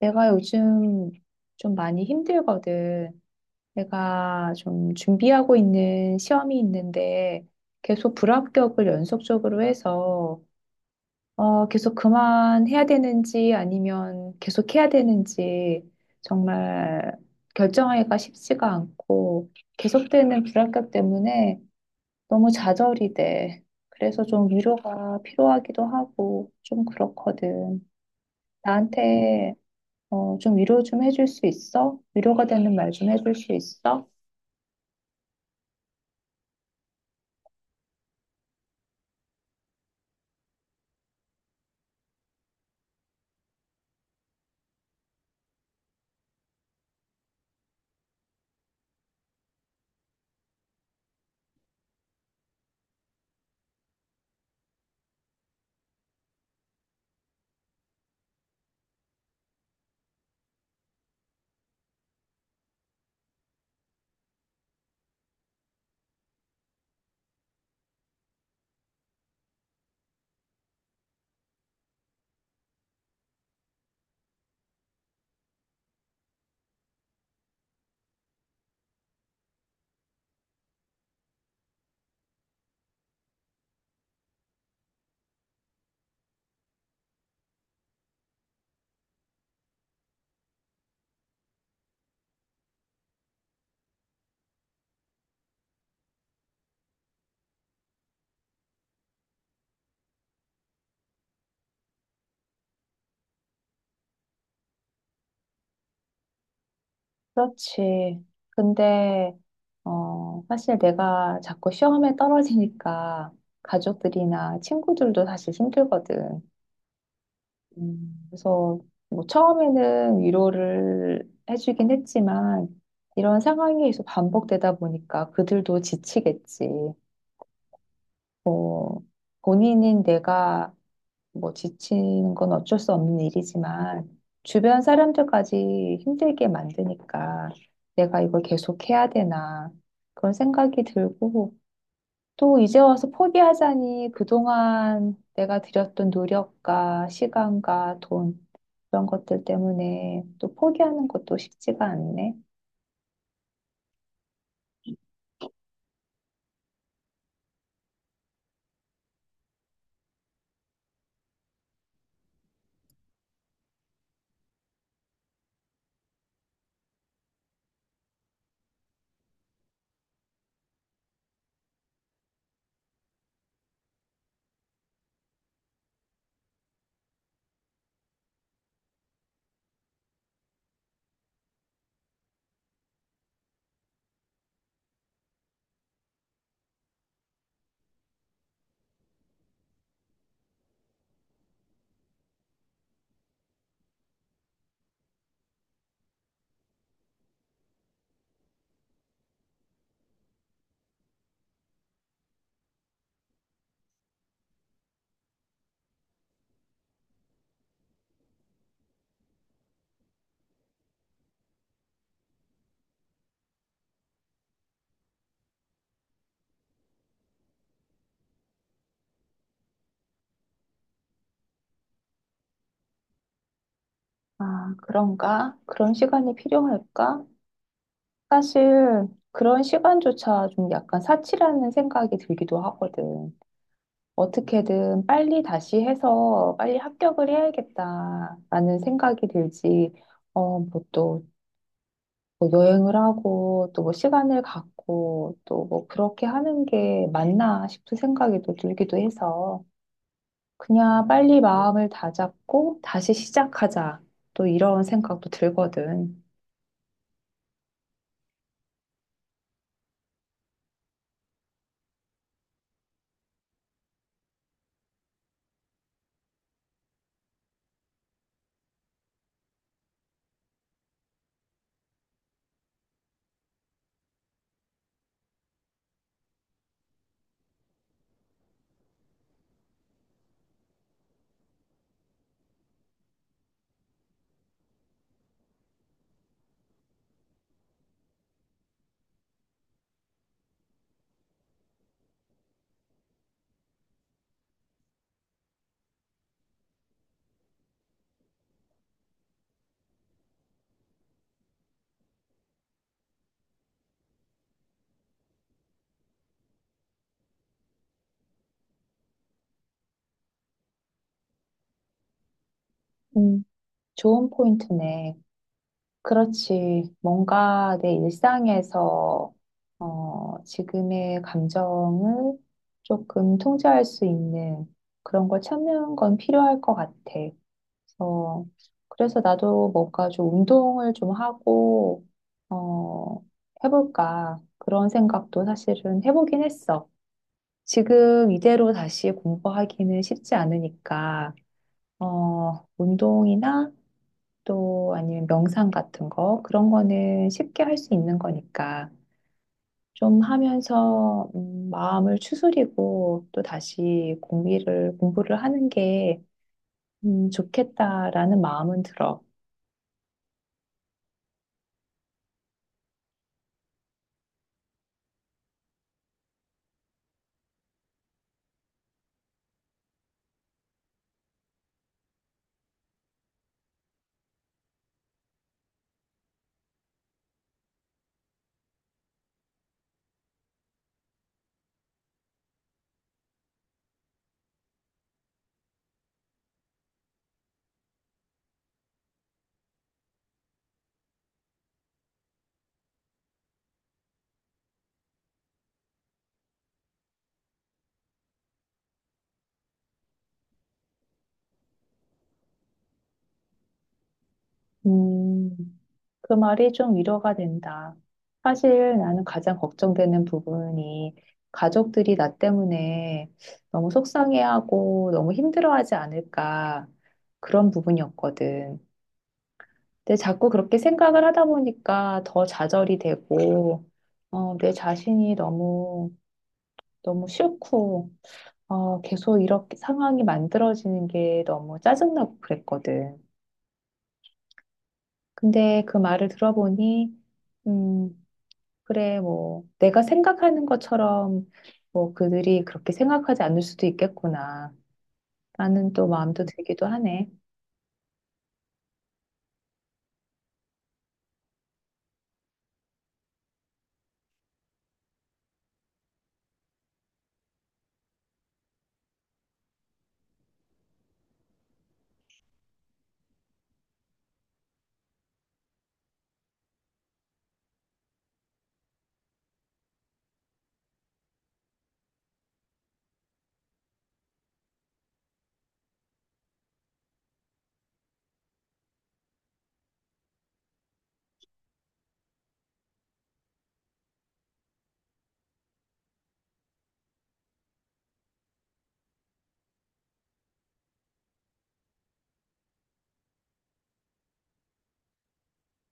내가 요즘 좀 많이 힘들거든. 내가 좀 준비하고 있는 시험이 있는데 계속 불합격을 연속적으로 해서 계속 그만해야 되는지 아니면 계속 해야 되는지 정말 결정하기가 쉽지가 않고 계속되는 불합격 때문에 너무 좌절이 돼. 그래서 좀 위로가 필요하기도 하고 좀 그렇거든. 나한테 좀 위로 좀 해줄 수 있어? 위로가 되는 말 좀 해줄 수 있어? 그렇지. 근데, 사실 내가 자꾸 시험에 떨어지니까 가족들이나 친구들도 사실 힘들거든. 그래서 뭐 처음에는 위로를 해주긴 했지만 이런 상황이 계속 반복되다 보니까 그들도 지치겠지. 어, 본인인 내가 뭐 지치는 건 어쩔 수 없는 일이지만 주변 사람들까지 힘들게 만드니까 내가 이걸 계속 해야 되나 그런 생각이 들고 또 이제 와서 포기하자니 그동안 내가 들였던 노력과 시간과 돈 그런 것들 때문에 또 포기하는 것도 쉽지가 않네. 아, 그런가? 그런 시간이 필요할까? 사실 그런 시간조차 좀 약간 사치라는 생각이 들기도 하거든. 어떻게든 빨리 다시 해서 빨리 합격을 해야겠다라는 생각이 들지. 어, 뭐또 뭐 여행을 하고 또 뭐 시간을 갖고 또 뭐 그렇게 하는 게 맞나 싶은 생각이 또 들기도 해서 그냥 빨리 마음을 다잡고 다시 시작하자. 또 이런 생각도 들거든. 음, 좋은 포인트네. 그렇지. 뭔가 내 일상에서, 지금의 감정을 조금 통제할 수 있는 그런 걸 찾는 건 필요할 것 같아. 그래서, 그래서, 나도 뭔가 좀 운동을 좀 하고, 어, 해볼까. 그런 생각도 사실은 해보긴 했어. 지금 이대로 다시 공부하기는 쉽지 않으니까, 운동이나 또 아니면 명상 같은 거 그런 거는 쉽게 할 수 있는 거니까 좀 하면서 마음을 추스리고 또 다시 공부를 하는 게 좋겠다라는 마음은 들어. 음, 그 말이 좀 위로가 된다. 사실 나는 가장 걱정되는 부분이 가족들이 나 때문에 너무 속상해하고 너무 힘들어하지 않을까 그런 부분이었거든. 근데 자꾸 그렇게 생각을 하다 보니까 더 좌절이 되고, 어, 내 자신이 너무, 너무 싫고, 계속 이렇게 상황이 만들어지는 게 너무 짜증나고 그랬거든. 근데 그 말을 들어보니, 음, 그래, 뭐, 내가 생각하는 것처럼, 뭐, 그들이 그렇게 생각하지 않을 수도 있겠구나. 라는 또 마음도 들기도 하네.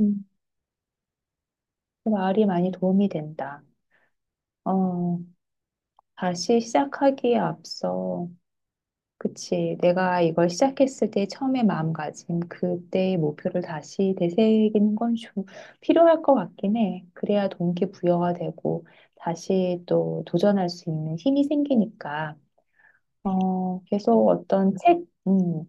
음, 그 말이 많이 도움이 된다. 어, 다시 시작하기에 앞서, 그치. 내가 이걸 시작했을 때 처음에 마음가짐, 그때의 목표를 다시 되새기는 건 좀 필요할 것 같긴 해. 그래야 동기부여가 되고 다시 또 도전할 수 있는 힘이 생기니까. 어, 계속 어떤 책, 음,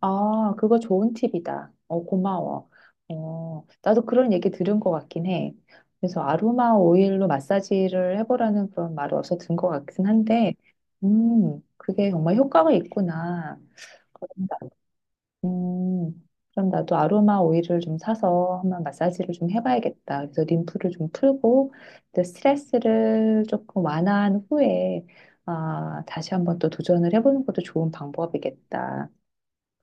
아, 그거 좋은 팁이다. 어, 고마워. 어, 나도 그런 얘기 들은 것 같긴 해. 그래서 아로마 오일로 마사지를 해보라는 그런 말을 어디서 든 것 같긴 한데, 그게 정말 효과가 있구나. 그런가? 그럼 나도 아로마 오일을 좀 사서 한번 마사지를 좀 해봐야겠다. 그래서 림프를 좀 풀고, 또 스트레스를 조금 완화한 후에, 아, 다시 한번 또 도전을 해보는 것도 좋은 방법이겠다.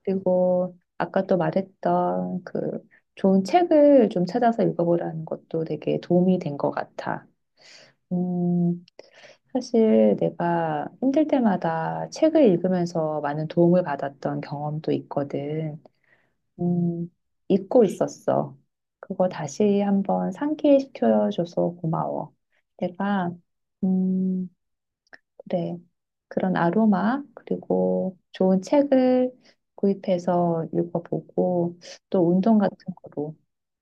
그리고 아까 또 말했던 그 좋은 책을 좀 찾아서 읽어보라는 것도 되게 도움이 된 것 같아. 음, 사실 내가 힘들 때마다 책을 읽으면서 많은 도움을 받았던 경험도 있거든. 음, 잊고 있었어. 그거 다시 한번 상기시켜줘서 고마워. 내가, 음, 그래. 그런 아로마, 그리고 좋은 책을 구입해서 읽어보고, 또 운동 같은 거로,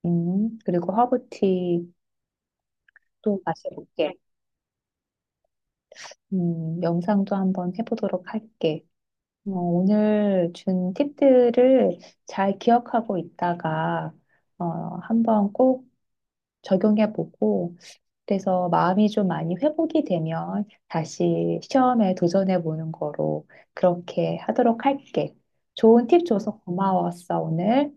그리고 허브티 또 마셔볼게. 영상도 한번 해보도록 할게. 어, 오늘 준 팁들을 잘 기억하고 있다가, 어, 한번 꼭 적용해보고 그래서 마음이 좀 많이 회복이 되면 다시 시험에 도전해보는 거로 그렇게 하도록 할게. 좋은 팁 줘서 고마웠어, 오늘.